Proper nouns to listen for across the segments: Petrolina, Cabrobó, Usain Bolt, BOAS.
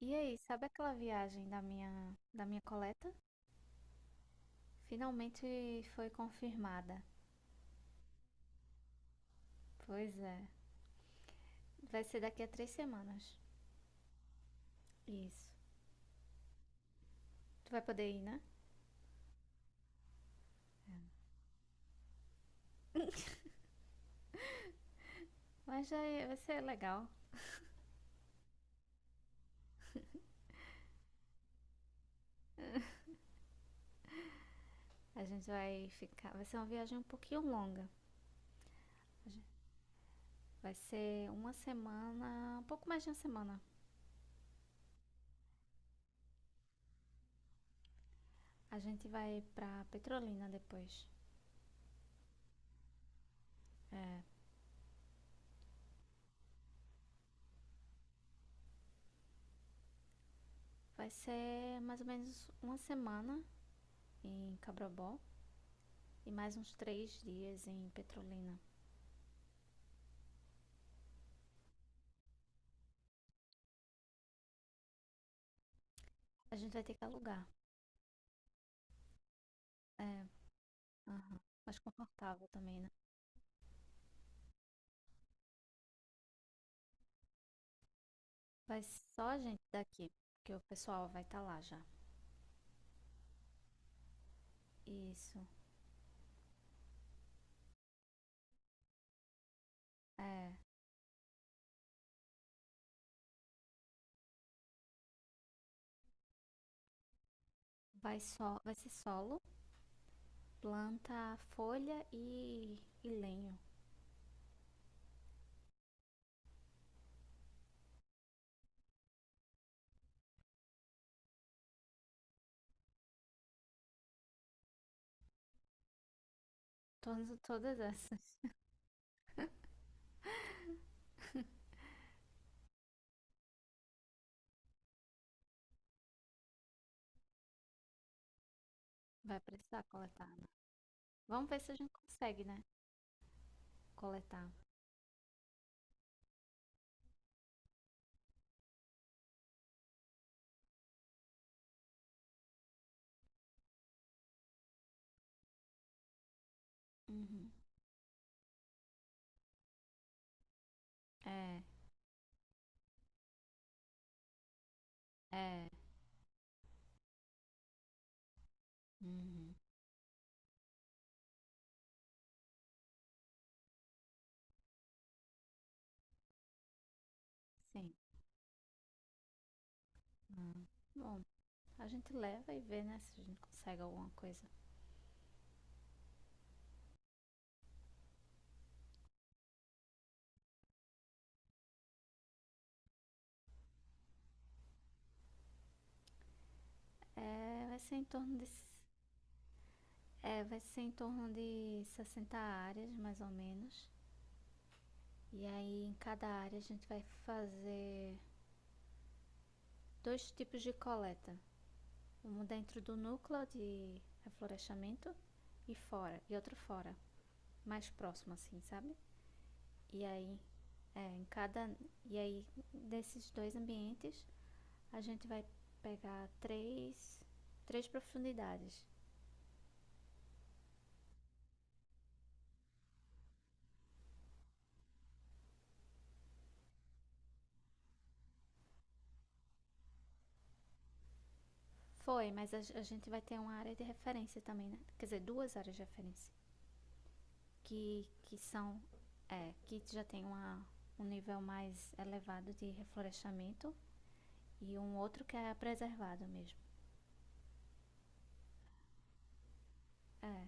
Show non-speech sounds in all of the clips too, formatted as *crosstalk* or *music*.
E aí, sabe aquela viagem da minha coleta? Finalmente foi confirmada. Pois é, vai ser daqui a três semanas. Isso. Tu vai poder ir, né? Vai ser legal. A gente vai ficar. Vai ser uma viagem um pouquinho longa. Vai ser uma semana, um pouco mais de uma semana. A gente vai pra Petrolina depois. Vai ser mais ou menos uma semana em Cabrobó e mais uns três dias em Petrolina. A gente vai ter que alugar. É, aham. Mais confortável também, né? Vai só a gente daqui, porque o pessoal vai estar lá já. Isso. É, vai ser solo, planta, folha e lenho. Todas, todas essas. *laughs* Vai precisar coletar, né? Vamos ver se a gente consegue, né? Coletar. Uhum. É, é. Uhum. Sim. Uhum. Bom, a gente leva e vê, né, se a gente consegue alguma coisa. É, vai ser em torno de, s- É, vai ser em torno de 60 áreas, mais ou menos. E aí, em cada área, a gente vai fazer dois tipos de coleta: um dentro do núcleo de reflorestamento e outro fora, mais próximo, assim, sabe? E aí, é, em cada. E aí, desses dois ambientes, a gente vai pegar três profundidades. Foi, mas a gente vai ter uma área de referência também, né? Quer dizer, duas áreas de referência. Que são É, que já tem um nível mais elevado de reflorestamento e um outro que é preservado mesmo. É,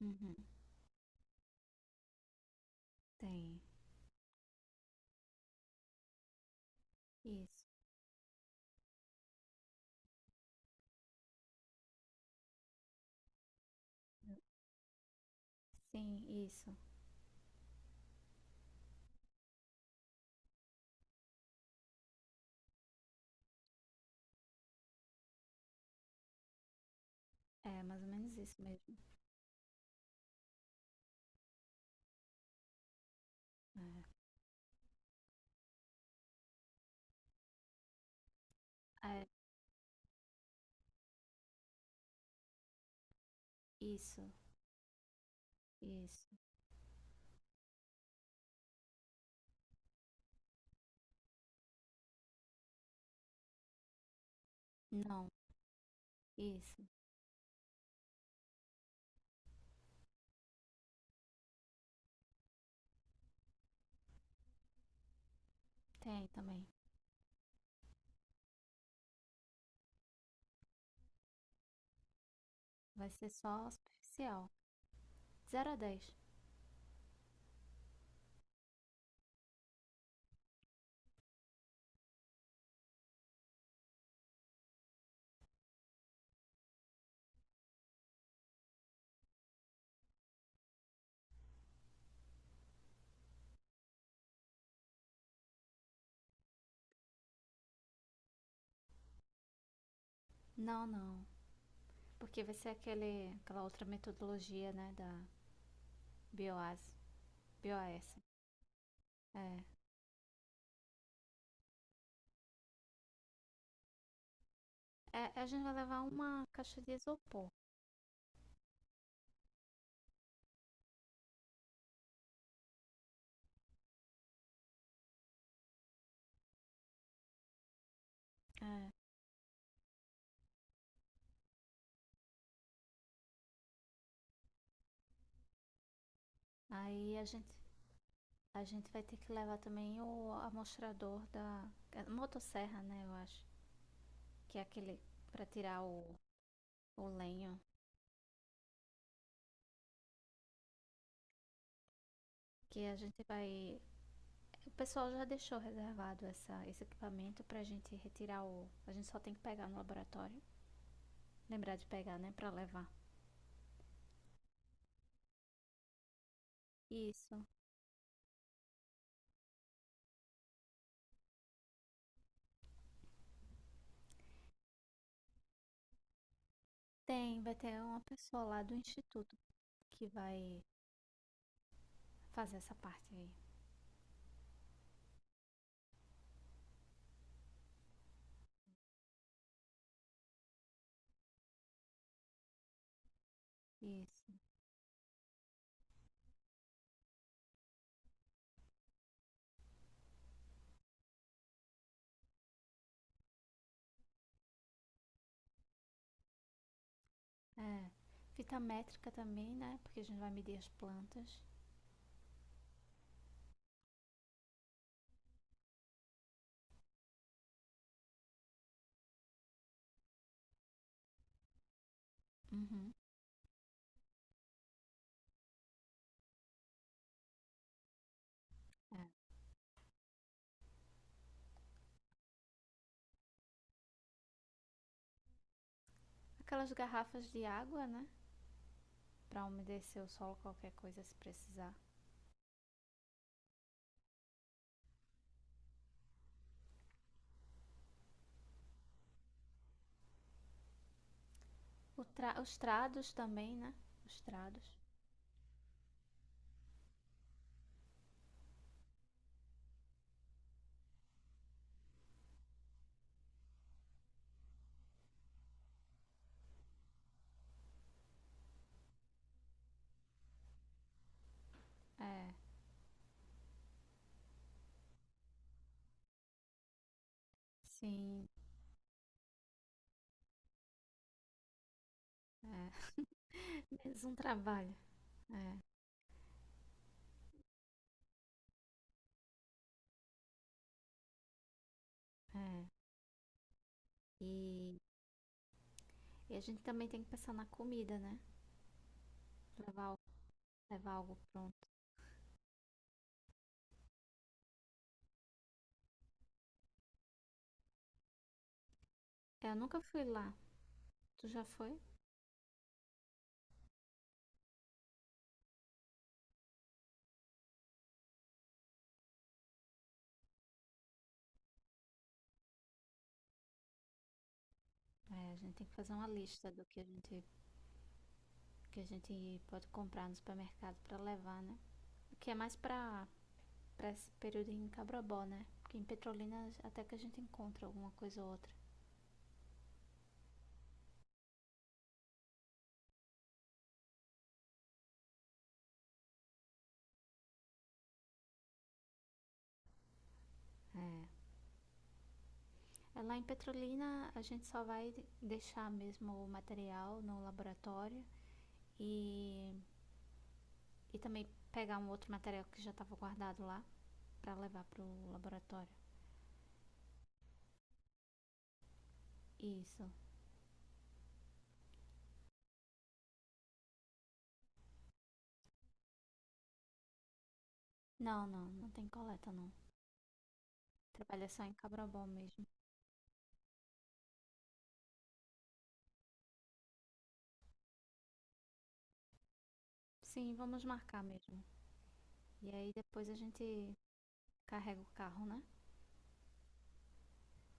uhum, tem isso. Sim, isso. É mais ou menos isso mesmo. É, é isso, isso. Não, isso. Tem também. Vai ser só superficial, zero a dez. Não, não. Porque vai ser aquela outra metodologia, né, da BOAS. BOAS. É. É, a gente vai levar uma caixa de isopor. É. Aí a gente, a gente vai ter que levar também o amostrador da a motosserra, né? Eu acho. Que é aquele para tirar o lenho. Que a gente vai. O pessoal já deixou reservado esse equipamento pra gente retirar o. A gente só tem que pegar no laboratório. Lembrar de pegar, né? Pra levar. Isso. Tem, vai ter uma pessoa lá do instituto que vai fazer essa parte aí. Isso. É. Fita métrica também, né? Porque a gente vai medir as plantas. Uhum. É. Aquelas garrafas de água, né? Pra umedecer o solo, qualquer coisa se precisar. Os trados também, né? Os trados. É, sim. É. *laughs* Menos um trabalho. É. E... e a gente também tem que pensar na comida, né? Levar, al- levar algo pronto. É, eu nunca fui lá. Tu já foi? É, a gente tem que fazer uma lista do que a gente pode comprar no supermercado pra levar, né? Que é mais pra, pra esse período em Cabrobó, né? Porque em Petrolina até que a gente encontra alguma coisa ou outra. É. Lá em Petrolina a gente só vai deixar mesmo o material no laboratório e, e também pegar um outro material que já estava guardado lá pra levar pro laboratório. Isso. Não tem coleta não. Trabalha só em Cabrobó mesmo. Sim, vamos marcar mesmo. E aí depois a gente carrega o carro, né?